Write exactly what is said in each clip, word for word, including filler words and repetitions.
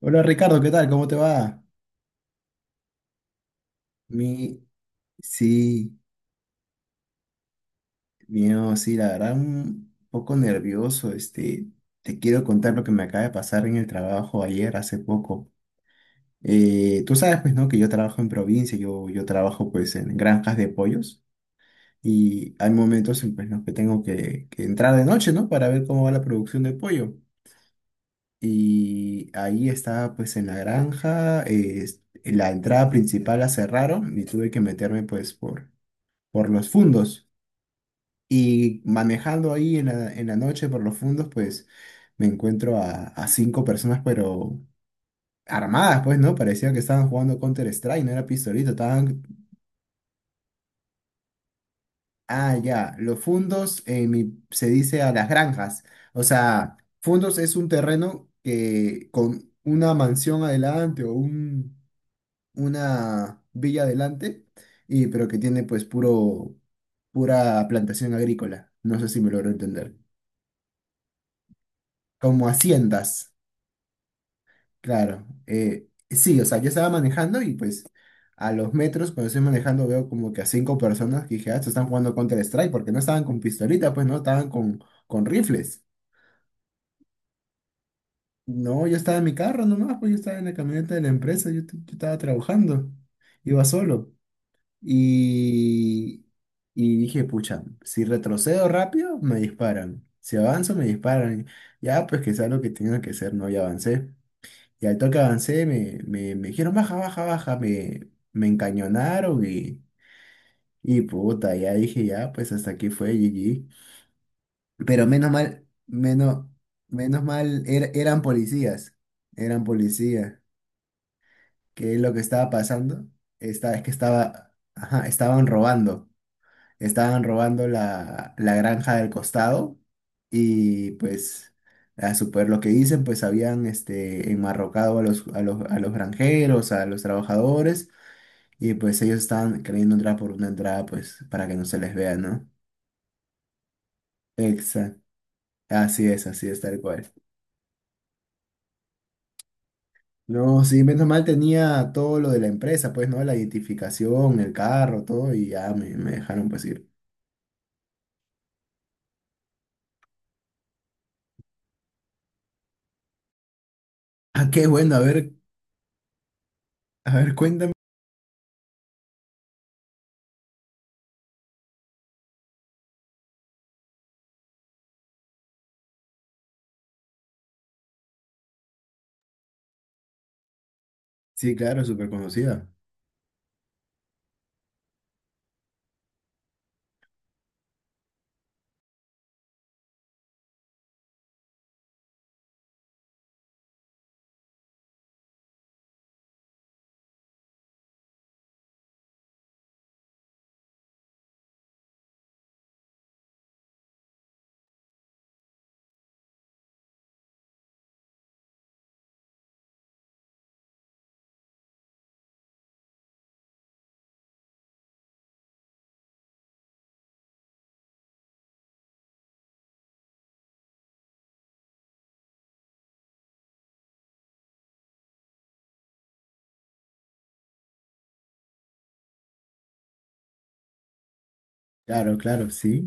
Hola Ricardo, ¿qué tal? ¿Cómo te va? Mi, sí, mío, sí, la verdad, un poco nervioso. Este, te quiero contar lo que me acaba de pasar en el trabajo ayer, hace poco. Eh, tú sabes, pues, ¿no? Que yo trabajo en provincia, yo, yo trabajo, pues, en granjas de pollos, y hay momentos en pues, no que tengo que, que entrar de noche, ¿no? Para ver cómo va la producción de pollo. Y ahí estaba, pues, en la granja, eh, la entrada principal la cerraron y tuve que meterme, pues, por por los fundos. Y manejando ahí en la, en la noche por los fundos, pues me encuentro a, a cinco personas, pero armadas, pues, ¿no? Parecía que estaban jugando Counter-Strike, no era pistolito, estaban... Ah, ya, los fundos en mi- se dice a las granjas. O sea, fundos es un terreno que con una mansión adelante o un, una villa adelante, y, pero que tiene pues puro, pura plantación agrícola. No sé si me logro entender. Como haciendas, claro. Eh, sí, o sea, yo estaba manejando y pues a los metros cuando estoy manejando veo como que a cinco personas que dije, ah, estos están jugando Counter-Strike porque no estaban con pistolita, pues no, estaban con, con rifles. No, yo estaba en mi carro nomás, pues yo estaba en la camioneta de la empresa, yo, t- yo estaba trabajando, iba solo. Y, y dije, pucha, si retrocedo rápido, me disparan. Si avanzo, me disparan. Ya, pues que sea lo que tenga que ser, no, ya avancé. Y al toque avancé, me, me, me dijeron baja, baja, baja, me, me encañonaron y, y puta, ya dije, ya, pues hasta aquí fue G G. Pero menos mal, menos, menos mal, er- eran policías, eran policías. ¿Qué es lo que estaba pasando? Esta, es que estaba, ajá, estaban robando. Estaban robando la, la granja del costado y pues a su poder lo que dicen, pues habían este, enmarrocado a los, a los, a los granjeros, a los trabajadores, y pues ellos estaban queriendo entrar por una entrada pues para que no se les vea, ¿no? Exacto. Así es, así es, tal cual. No, sí, menos mal tenía todo lo de la empresa, pues, ¿no? La identificación, el carro, todo, y ya me, me dejaron pues ir. Ah, qué bueno, a ver, a ver, cuéntame. Sí, claro, súper conocida. Claro, claro, sí.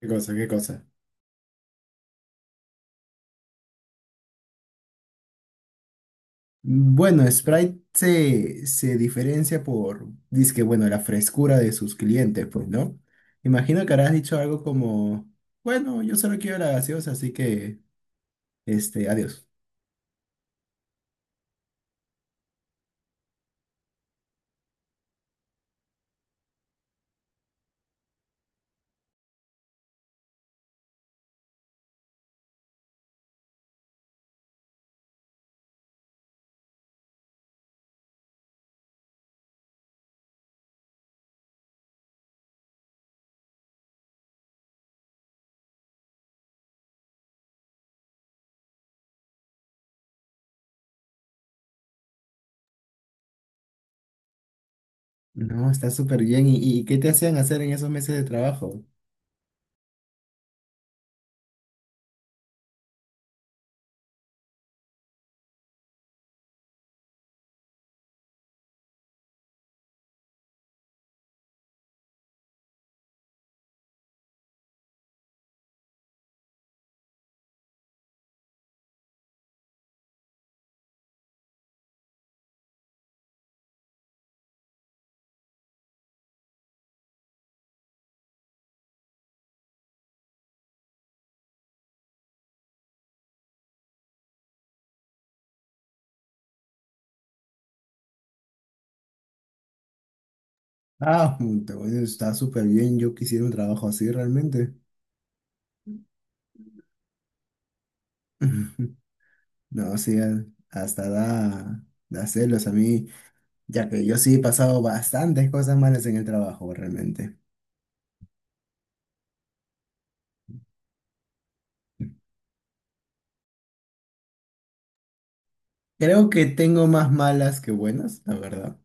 ¿Qué cosa? ¿Qué cosa? Bueno, Sprite se, se diferencia por, dizque, bueno, la frescura de sus clientes, pues, ¿no? Imagino que habrás dicho algo como, bueno, yo solo quiero la gaseosa, así que, este, adiós. No, está súper bien. ¿Y, y qué te hacían hacer en esos meses de trabajo? Ah, puta, bueno, está súper bien. Yo quisiera un trabajo así realmente. No, sí, a- hasta da, da celos a mí, ya que yo sí he pasado bastantes cosas malas en el trabajo realmente. Creo que tengo más malas que buenas, la verdad.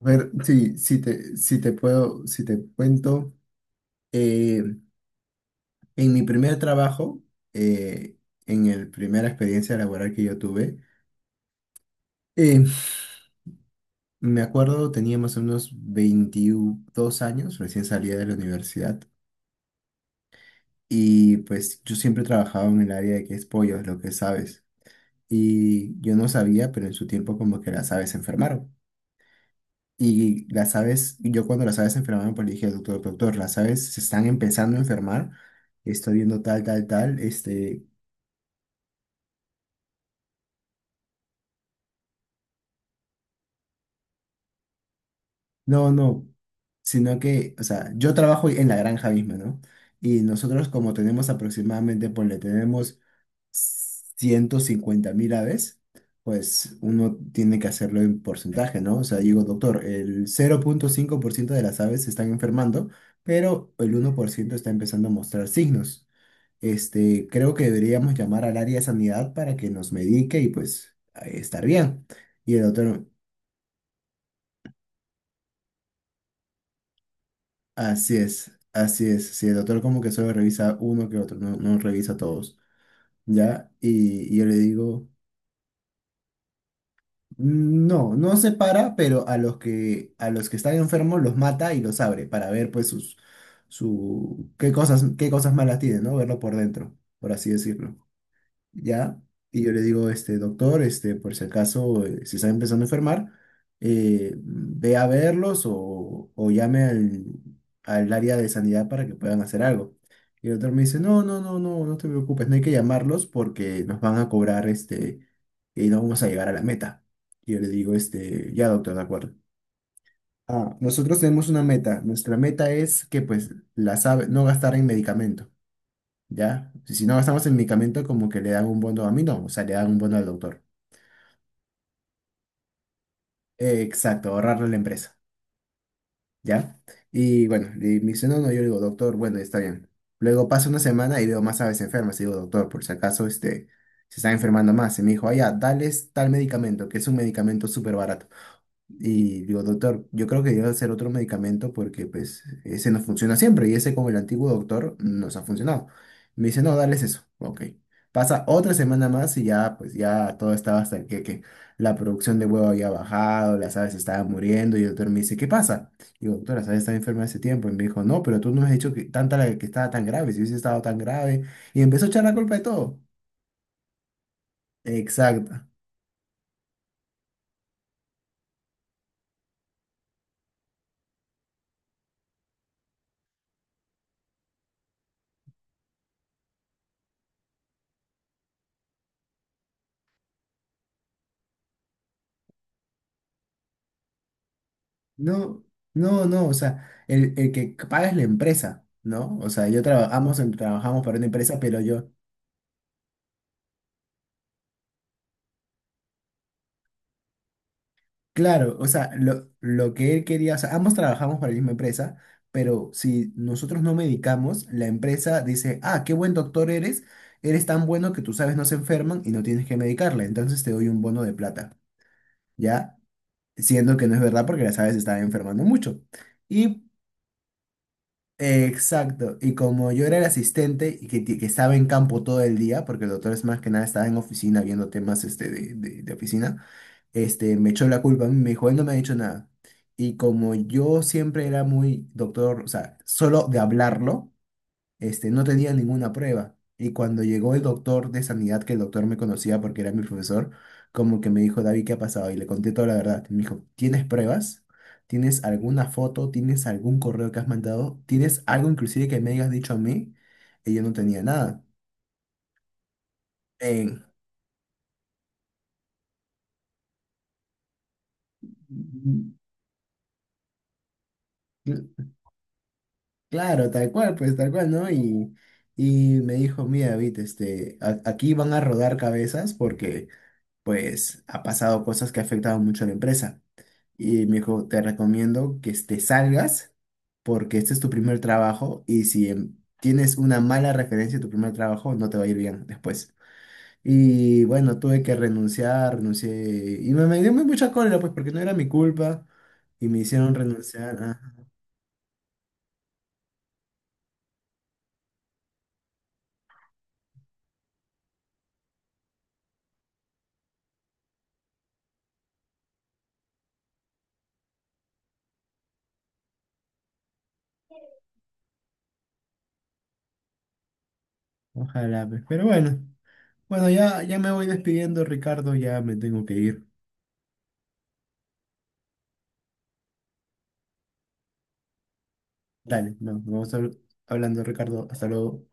A ver, sí, sí te, si te puedo, si te cuento, eh, en mi primer trabajo, eh, en el primera experiencia laboral que yo tuve, eh, me acuerdo tenía más o menos veintidós años, recién salía de la universidad, y pues yo siempre trabajaba en el área de que es pollos, lo que sabes, y yo no sabía, pero en su tiempo como que las aves se enfermaron. Y las aves, yo cuando las aves se enfermaban, pues le dije al doctor, doctor, las aves se están empezando a enfermar, estoy viendo tal, tal, tal, este, no, no, sino que, o sea, yo trabajo en la granja misma, ¿no? Y nosotros como tenemos aproximadamente, pues le tenemos ciento cincuenta mil aves, pues uno tiene que hacerlo en porcentaje, ¿no? O sea, digo, doctor, el cero punto cinco por ciento de las aves se están enfermando, pero el uno por ciento está empezando a mostrar signos. Este, creo que deberíamos llamar al área de sanidad para que nos medique y pues eh, estar bien. Y el doctor, así es, así es. Sí, el doctor como que solo revisa uno que otro, no, no revisa todos, ¿ya? Y, y yo le digo, no, no se para, pero a los que, a los que están enfermos los mata y los abre para ver pues sus, su, qué cosas, qué cosas malas tienen, ¿no? Verlo por dentro, por así decirlo. ¿Ya? Y yo le digo, este, doctor, este, por si acaso eh, se está empezando a enfermar, eh, ve a verlos o, o llame al, al área de sanidad para que puedan hacer algo. Y el doctor me dice, no, no, no, no, no te preocupes, no hay que llamarlos porque nos van a cobrar, este, y no vamos a llegar a la meta. Y yo le digo, este, ya, doctor, de acuerdo. Ah, nosotros tenemos una meta. Nuestra meta es que, pues, las ave- no gastar en medicamentos. ¿Ya? Si si no gastamos en medicamento, como que le dan un bono a mí, no, o sea, le dan un bono al doctor. Eh, Exacto, ahorrarle a la empresa, ¿ya? Y bueno, y me dice, no, no, yo le digo, doctor, bueno, está bien. Luego pasa una semana y veo más aves enfermas, y digo, doctor, por si acaso, este, se están enfermando más. Y me dijo, ah, ya, dales tal medicamento, que es un medicamento súper barato. Y digo, doctor, yo creo que debe ser otro medicamento porque pues ese no funciona siempre y ese con el antiguo doctor nos ha funcionado. Me dice, no, dale eso. Ok. Pasa otra semana más y ya, pues ya todo estaba hasta el que, que la producción de huevo había bajado, las aves estaban muriendo y el doctor me dice, ¿qué pasa? Digo, doctor, las aves están enfermas hace tiempo. Y me dijo, no, pero tú no me has dicho que tanta la que estaba tan grave, si hubiese estado tan grave. Y empezó a echar la culpa de todo. Exacto. No, no, no, o sea, el, el que paga es la empresa, ¿no? O sea, yo trabajamos, en- trabajamos para una empresa, pero yo, claro, o sea, lo, lo que él quería, o sea, ambos trabajamos para la misma empresa, pero si nosotros no medicamos, la empresa dice, ah, qué buen doctor eres, eres tan bueno que tus aves no se enferman y no tienes que medicarla, entonces te doy un bono de plata, ¿ya? Siendo que no es verdad porque las aves se estaban enfermando mucho. Eh, Exacto, y como yo era el asistente y que, ti- que estaba en campo todo el día, porque el doctor es más que nada estaba en oficina viendo temas este, de, de- de oficina, este, me echó la culpa, a mí, me dijo, él no me ha dicho nada. Y como yo siempre era muy doctor, o sea, solo de hablarlo, este, no tenía ninguna prueba. Y cuando llegó el doctor de sanidad, que el doctor me conocía porque era mi profesor, como que me dijo, David, ¿qué ha pasado? Y le conté toda la verdad. Me dijo, ¿tienes pruebas? ¿Tienes alguna foto? ¿Tienes algún correo que has mandado? ¿Tienes algo inclusive que me hayas dicho a mí? Y yo no tenía nada. En- cl- claro, tal cual, pues tal cual, ¿no? Y, y me dijo, mira, David, este, a- aquí van a rodar cabezas porque, pues, ha pasado cosas que afectaban mucho a la empresa. Y me dijo, te recomiendo que te salgas porque este es tu primer trabajo y si em, tienes una mala referencia de tu primer trabajo, no te va a ir bien después. Y bueno, tuve que renunciar, renuncié y me, me dio muy mucha cólera pues porque no era mi culpa y me hicieron renunciar. Ajá, ojalá, pues. Pero bueno, bueno, ya, ya me voy despidiendo, Ricardo, ya me tengo que ir. Dale, no, vamos a- hablando, Ricardo, hasta luego.